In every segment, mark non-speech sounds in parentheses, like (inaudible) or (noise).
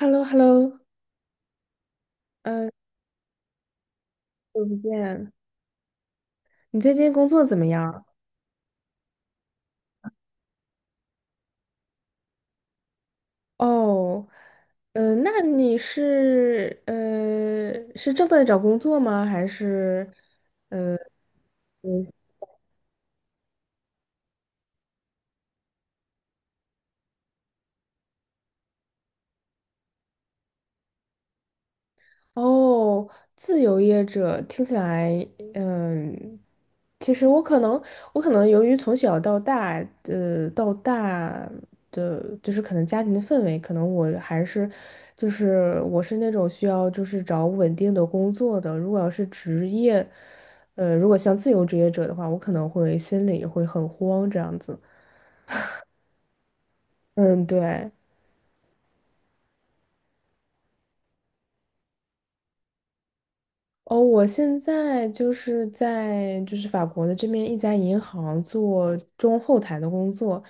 hello hello。 嗯，久不见。你最近工作怎么样？哦。那你是是正在找工作吗？还是？哦，自由业者听起来。嗯，其实我可能，我可能由于从小到大，到大的就是可能家庭的氛围，可能我还是，就是我是那种需要就是找稳定的工作的。如果要是职业，如果像自由职业者的话，我可能会心里会很慌这样子。嗯，对。哦，我现在就是在就是法国的这边一家银行做中后台的工作，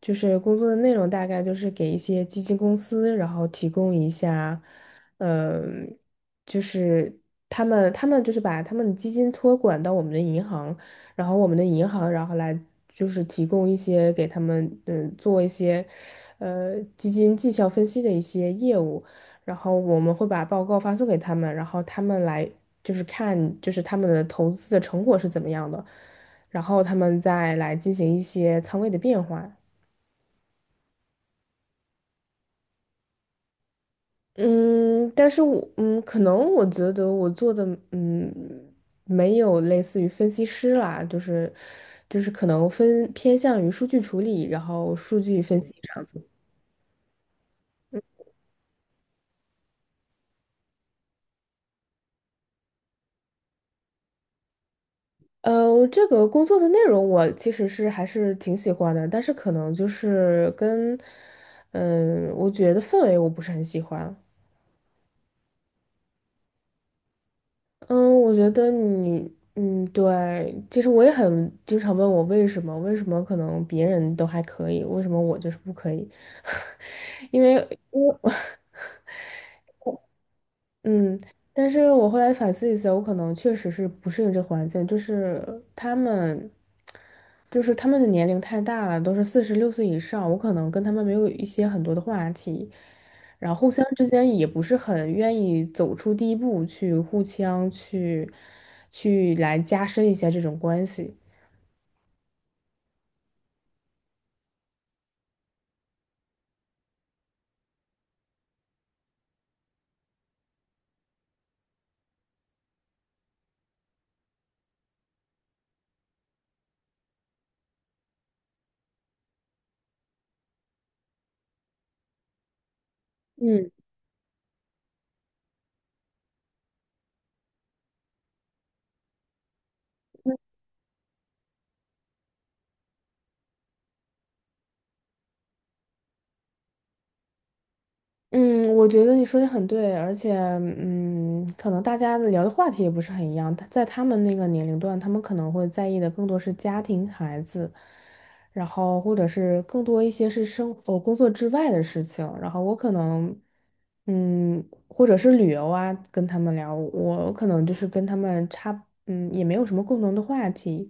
就是工作的内容大概就是给一些基金公司，然后提供一下，嗯，就是他们就是把他们的基金托管到我们的银行，然后我们的银行然后来就是提供一些给他们嗯做一些，呃基金绩效分析的一些业务。然后我们会把报告发送给他们，然后他们来就是看就是他们的投资的成果是怎么样的，然后他们再来进行一些仓位的变化。嗯，但是我嗯，可能我觉得我做的嗯，没有类似于分析师啦，就是可能分偏向于数据处理，然后数据分析这样子。呃，这个工作的内容我其实是还是挺喜欢的，但是可能就是跟，嗯，我觉得氛围我不是很喜欢。嗯，我觉得你，嗯，对，其实我也很经常问我为什么，为什么可能别人都还可以，为什么我就是不可以？(laughs) 因为，因为 (laughs) 嗯，但是我后来反思一下，我可能确实是不适应这环境，就是他们，就是他们的年龄太大了，都是46岁以上，我可能跟他们没有一些很多的话题，然后互相之间也不是很愿意走出第一步去互相去去来加深一下这种关系。嗯。嗯，我觉得你说的很对，而且，嗯，可能大家聊的话题也不是很一样。他在他们那个年龄段，他们可能会在意的更多是家庭、孩子，然后或者是更多一些是生活、工作之外的事情。然后我可能，嗯，或者是旅游啊，跟他们聊，我可能就是跟他们差，嗯，也没有什么共同的话题。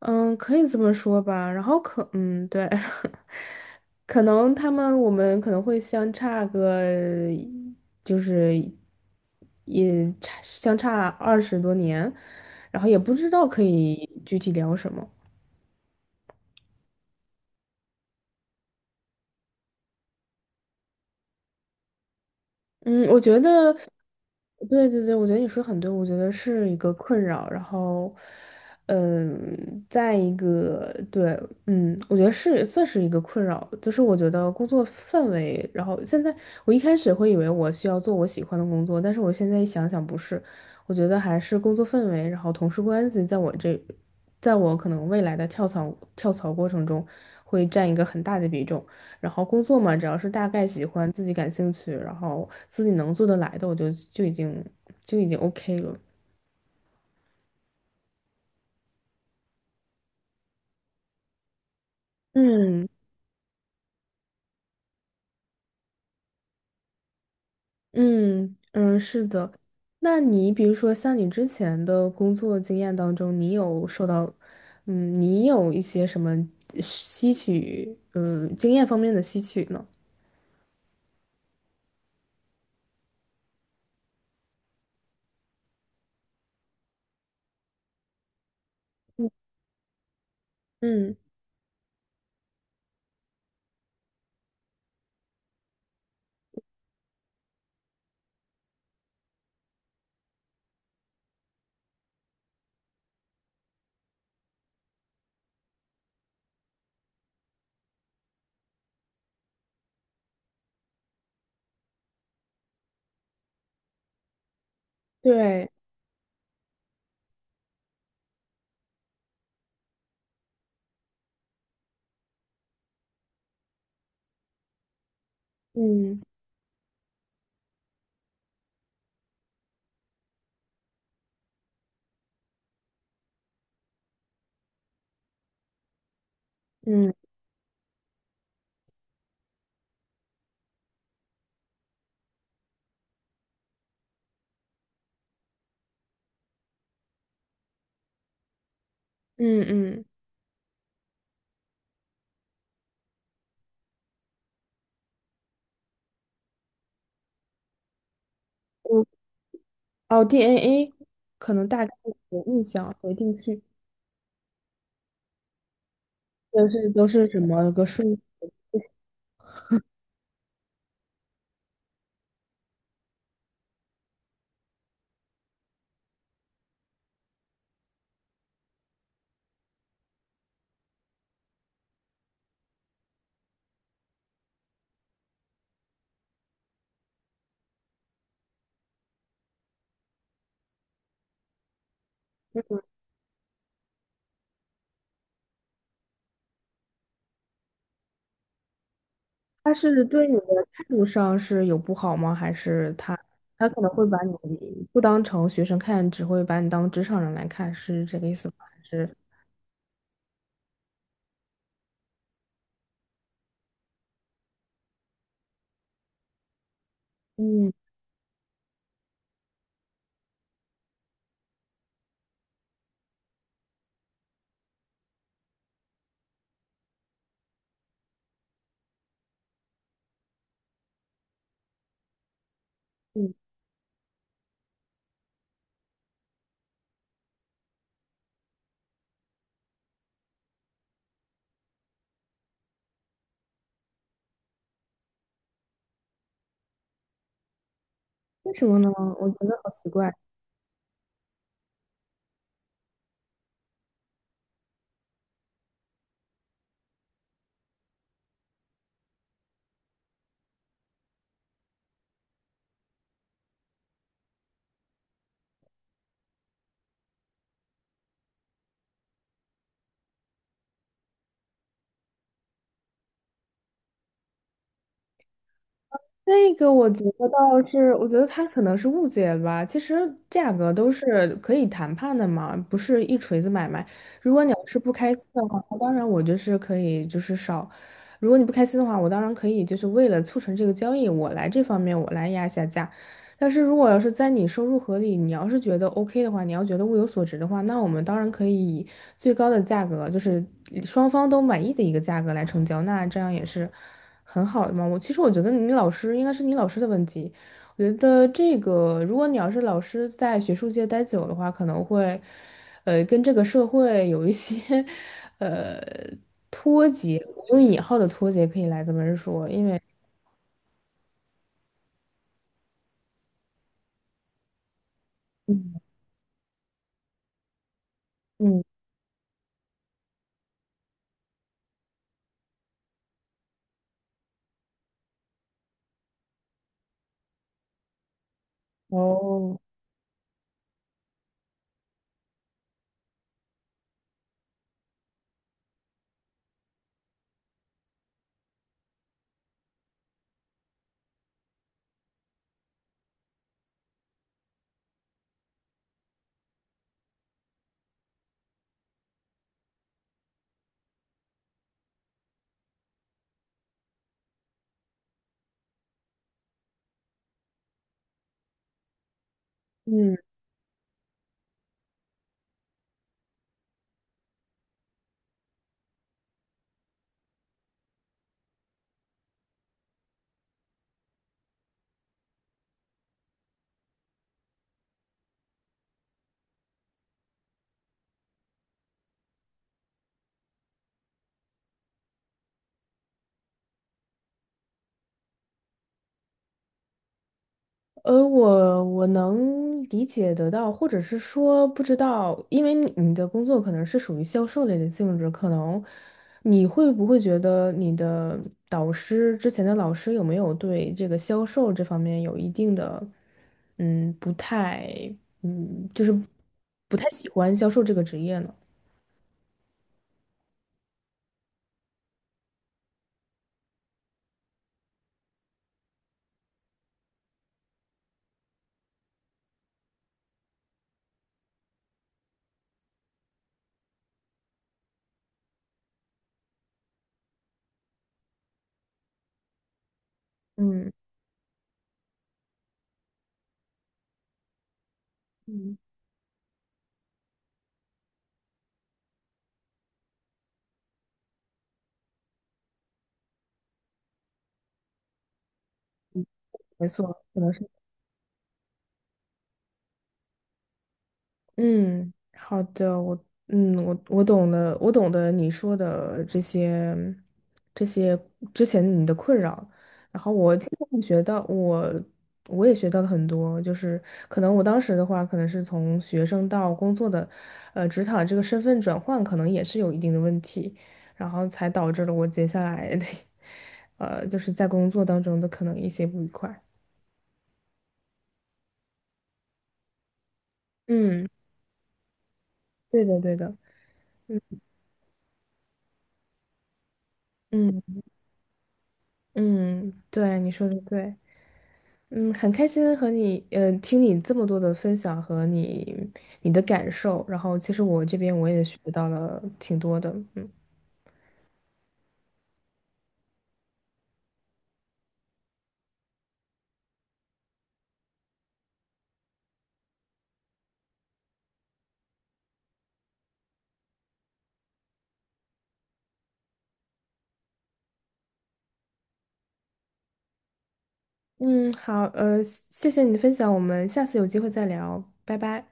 嗯，可以这么说吧。然后可，嗯，对。(laughs) 可能他们我们可能会相差个，就是也差相差20多年，然后也不知道可以具体聊什么。嗯，我觉得，对对对，我觉得你说得很对，我觉得是一个困扰。然后，嗯，再一个，对，嗯，我觉得是算是一个困扰，就是我觉得工作氛围。然后现在我一开始会以为我需要做我喜欢的工作，但是我现在一想想不是，我觉得还是工作氛围，然后同事关系，在我这，在我可能未来的跳槽过程中会占一个很大的比重。然后工作嘛，只要是大概喜欢、自己感兴趣，然后自己能做得来的，我就已经 OK 了。嗯嗯嗯，是的。那你比如说像你之前的工作经验当中，你有受到，嗯，你有一些什么吸取，嗯，经验方面的吸取呢？嗯嗯，对，嗯嗯嗯嗯，我哦，DNA 可能大概有印象，回定去。就是都是什么个顺？他是对你的态度上是有不好吗？还是他他可能会把你不当成学生看，只会把你当职场人来看，是这个意思吗？还是嗯嗯，为什么呢？我觉得好奇怪。这个我觉得倒是，我觉得他可能是误解了吧。其实价格都是可以谈判的嘛，不是一锤子买卖。如果你要是不开心的话，那当然我就是可以就是少。如果你不开心的话，我当然可以就是为了促成这个交易，我来这方面我来压一下价。但是如果要是在你收入合理，你要是觉得 OK 的话，你要觉得物有所值的话，那我们当然可以以最高的价格，就是双方都满意的一个价格来成交，那这样也是很好的嘛。我其实我觉得你老师应该是你老师的问题，我觉得这个如果你要是老师在学术界待久的话，可能会跟这个社会有一些 (laughs) 呃脱节，我用引号的脱节可以来这么说，因为嗯。哦，嗯。我能理解得到，或者是说不知道，因为你你的工作可能是属于销售类的性质，可能你会不会觉得你的导师之前的老师有没有对这个销售这方面有一定的，嗯，不太，嗯，就是不太喜欢销售这个职业呢？嗯嗯。没错，可能是。嗯，好的，我嗯，我懂了，我懂得你说的这些这些之前你的困扰，然后我今天学到我我也学到了很多，就是可能我当时的话，可能是从学生到工作的，呃，职场这个身份转换，可能也是有一定的问题，然后才导致了我接下来的，(laughs) 呃，就是在工作当中的可能一些不愉快。嗯，对的，对的，嗯嗯，对，你说的对。嗯，很开心和你，呃，听你这么多的分享和你的感受，然后其实我这边我也学到了挺多的，嗯嗯，好，呃，谢谢你的分享，我们下次有机会再聊，拜拜。